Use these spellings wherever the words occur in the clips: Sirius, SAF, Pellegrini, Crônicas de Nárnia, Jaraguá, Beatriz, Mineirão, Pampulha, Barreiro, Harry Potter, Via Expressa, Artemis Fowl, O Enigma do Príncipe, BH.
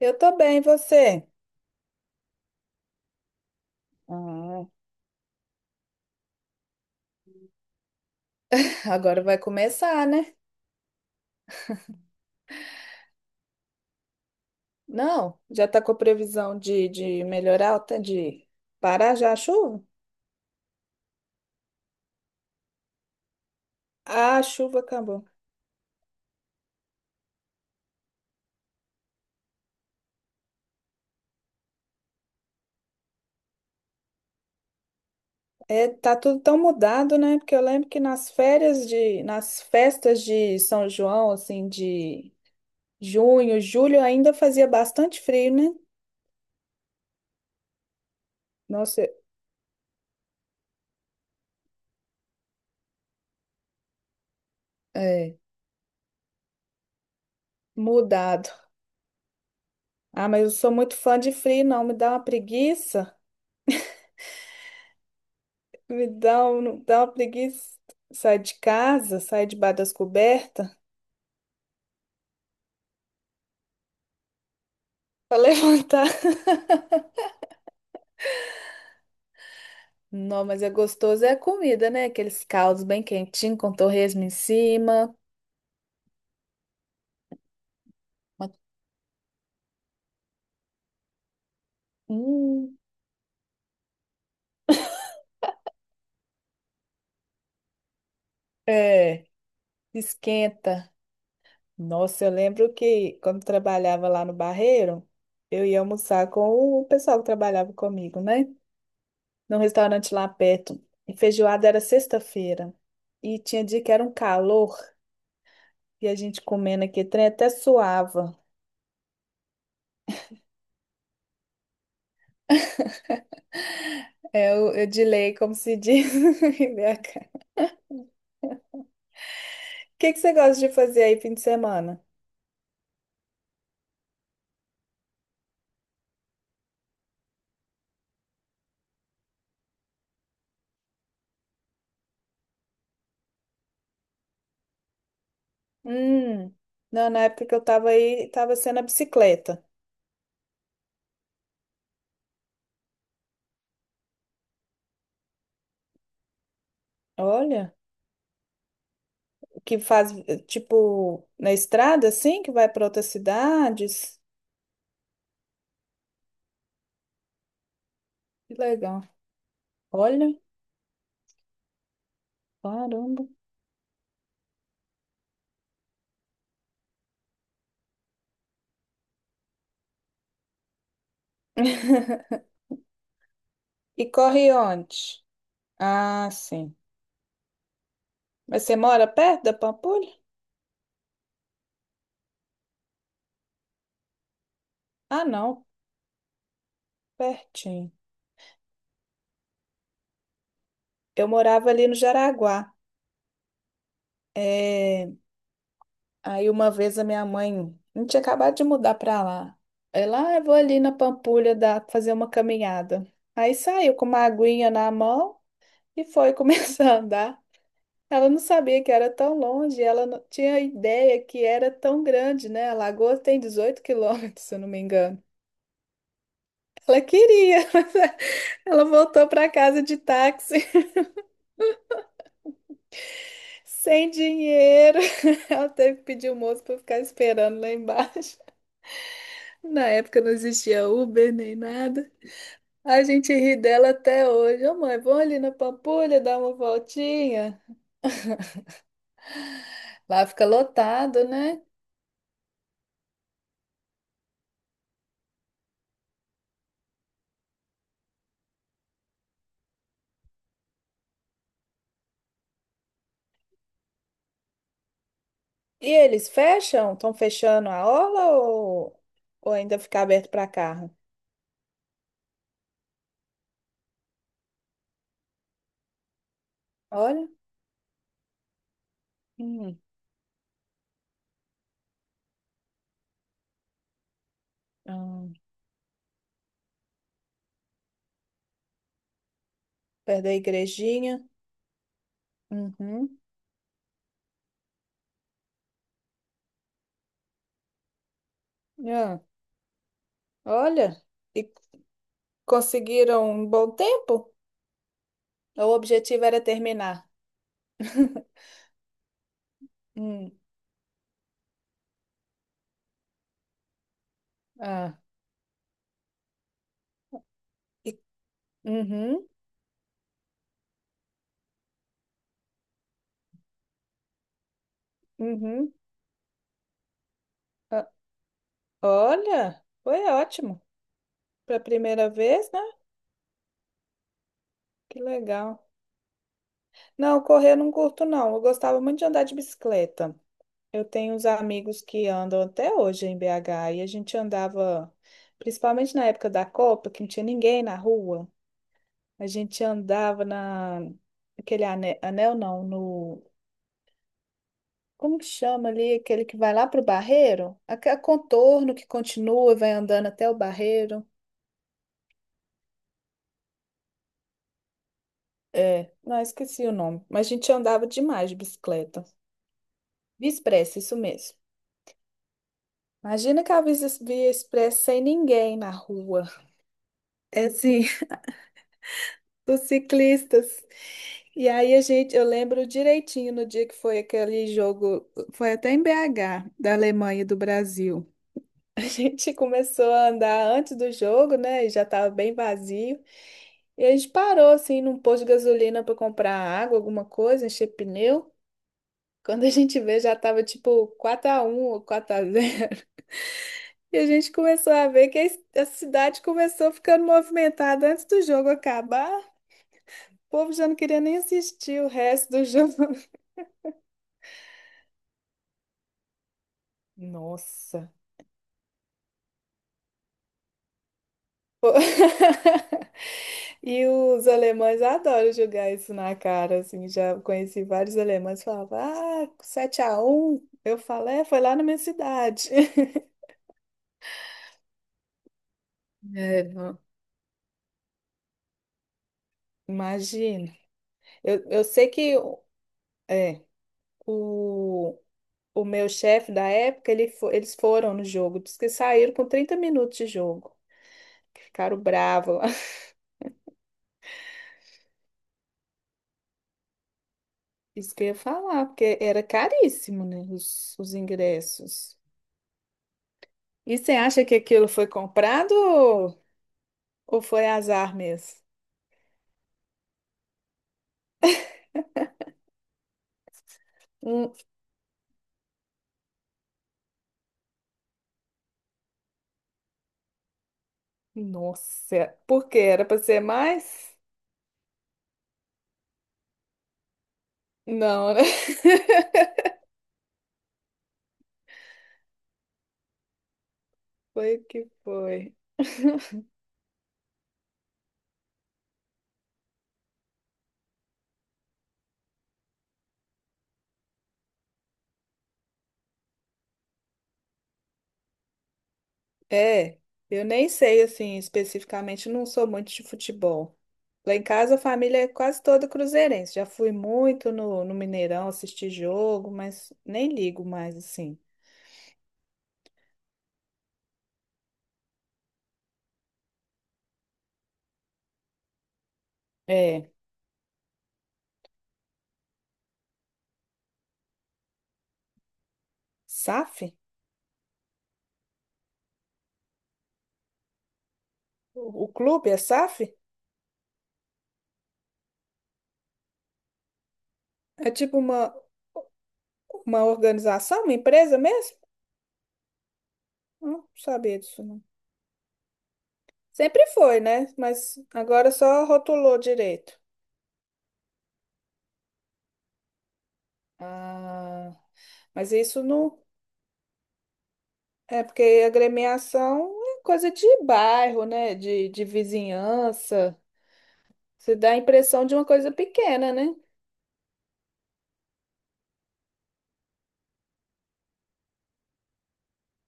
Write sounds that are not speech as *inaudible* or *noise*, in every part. Eu tô bem, e você? Ah, agora vai começar, né? Não, já tá com a previsão de melhorar, tá? De parar já a chuva? Ah, a chuva acabou. É, tá tudo tão mudado, né? Porque eu lembro que nas férias nas festas de São João, assim, de junho, julho, ainda fazia bastante frio, né? Nossa, é, mudado. Ah, mas eu sou muito fã de frio, não, me dá uma preguiça. Me dá, dá uma preguiça. Sai de casa, sai debaixo das cobertas pra levantar. *laughs* Não, mas é gostoso, é a comida, né? Aqueles caldos bem quentinhos, com torresmo em cima. Uma- Hum, é, esquenta. Nossa, eu lembro que quando trabalhava lá no Barreiro, eu ia almoçar com o pessoal que trabalhava comigo, né? Num restaurante lá perto. E feijoada era sexta-feira. E tinha dia que era um calor, e a gente comendo aqui, trem até suava. É, eu delay, como se diz *laughs* em BH. O que que você gosta de fazer aí fim de semana? Hum, não, na época que eu tava aí, tava sendo a bicicleta. Olha, o que faz, tipo, na estrada, assim, que vai para outras cidades. Que legal. Olha, caramba. E corre onde? Ah, sim. Mas você mora perto da Pampulha? Ah, não, pertinho. Eu morava ali no Jaraguá. É, aí uma vez a minha mãe, a gente tinha acabado de mudar pra lá. Ela, ah, eu vou ali na Pampulha fazer uma caminhada. Aí saiu com uma aguinha na mão e foi *laughs* começar a andar. Ela não sabia que era tão longe, ela não tinha ideia que era tão grande, né? A lagoa tem 18 quilômetros, se eu não me engano. Ela queria, *laughs* mas ela voltou pra casa de táxi, *laughs* sem dinheiro. *laughs* Ela teve que pedir o moço para ficar esperando lá embaixo. Na época não existia Uber nem nada. A gente ri dela até hoje. Ô, mãe, vamos ali na Pampulha dar uma voltinha. Lá fica lotado, né? E eles fecham? Estão fechando a orla ou ainda fica aberto para carro? Olha. Hum. Ah, perto da igrejinha. Uhum. Ah, olha. E conseguiram um bom tempo? O objetivo era terminar. *laughs* Hum. Ah. E- Uhum. Uhum. Olha, foi ótimo. Para a primeira vez, né? Que legal. Não, correr eu não curto, não. Eu gostava muito de andar de bicicleta. Eu tenho uns amigos que andam até hoje em BH e a gente andava, principalmente na época da Copa, que não tinha ninguém na rua. A gente andava na aquele anel, não, no como que chama ali, aquele que vai lá pro Barreiro, aquele contorno que continua e vai andando até o Barreiro. É, não, esqueci o nome, mas a gente andava demais de bicicleta. Via Expressa, isso mesmo. Imagina que a Via Expressa sem ninguém na rua. É assim, *laughs* os ciclistas. E aí a gente, eu lembro direitinho no dia que foi aquele jogo, foi até em BH, da Alemanha e do Brasil. *laughs* A gente começou a andar antes do jogo, né? E já estava bem vazio. E a gente parou assim num posto de gasolina para comprar água, alguma coisa, encher pneu. Quando a gente vê, já tava tipo 4 a 1 ou 4 a 0. E a gente começou a ver que a cidade começou ficando movimentada antes do jogo acabar. O povo já não queria nem assistir o resto do jogo. *laughs* Nossa. Pô. *laughs* E os alemães adoram jogar isso na cara, assim, já conheci vários alemães que falavam, ah, 7x1, eu falo, é, foi lá na minha cidade. *laughs* É, não. Imagina, eu sei que é, o, o meu chefe da época, eles foram no jogo, diz que saíram com 30 minutos de jogo. Ficaram bravos lá. *laughs* Isso que eu ia falar, porque era caríssimo, né, os ingressos. E você acha que aquilo foi comprado ou foi azar mesmo? Hum, nossa, por quê? Era para ser mais? Não, né? *laughs* Foi o que foi. É, eu nem sei assim especificamente, não sou muito de futebol. Lá em casa a família é quase toda cruzeirense. Já fui muito no Mineirão assistir jogo, mas nem ligo mais assim. É, SAF? O clube é SAF? É tipo uma organização, uma empresa mesmo? Não sabia disso, não. Sempre foi, né? Mas agora só rotulou direito. Ah, mas isso não. É porque agremiação é coisa de bairro, né? De vizinhança. Você dá a impressão de uma coisa pequena, né?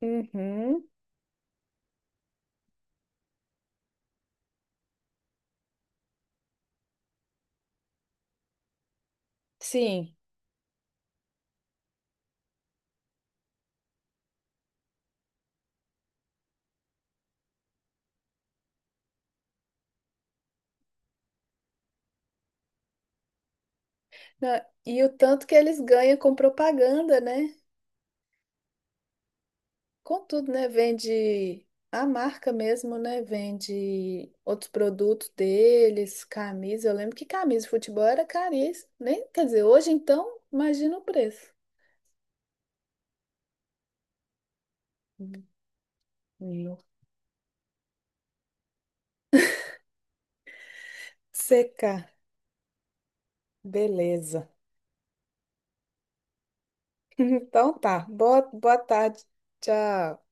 Uhum, sim. E o tanto que eles ganham com propaganda, né? Com tudo, né? Vende a marca mesmo, né? Vende outros produtos deles, camisa. Eu lembro que camisa de futebol era caríssima, nem Quer dizer, hoje então, imagina o preço. Hum, hum. Seca, beleza. *laughs* Então tá. Boa tarde. Tchau.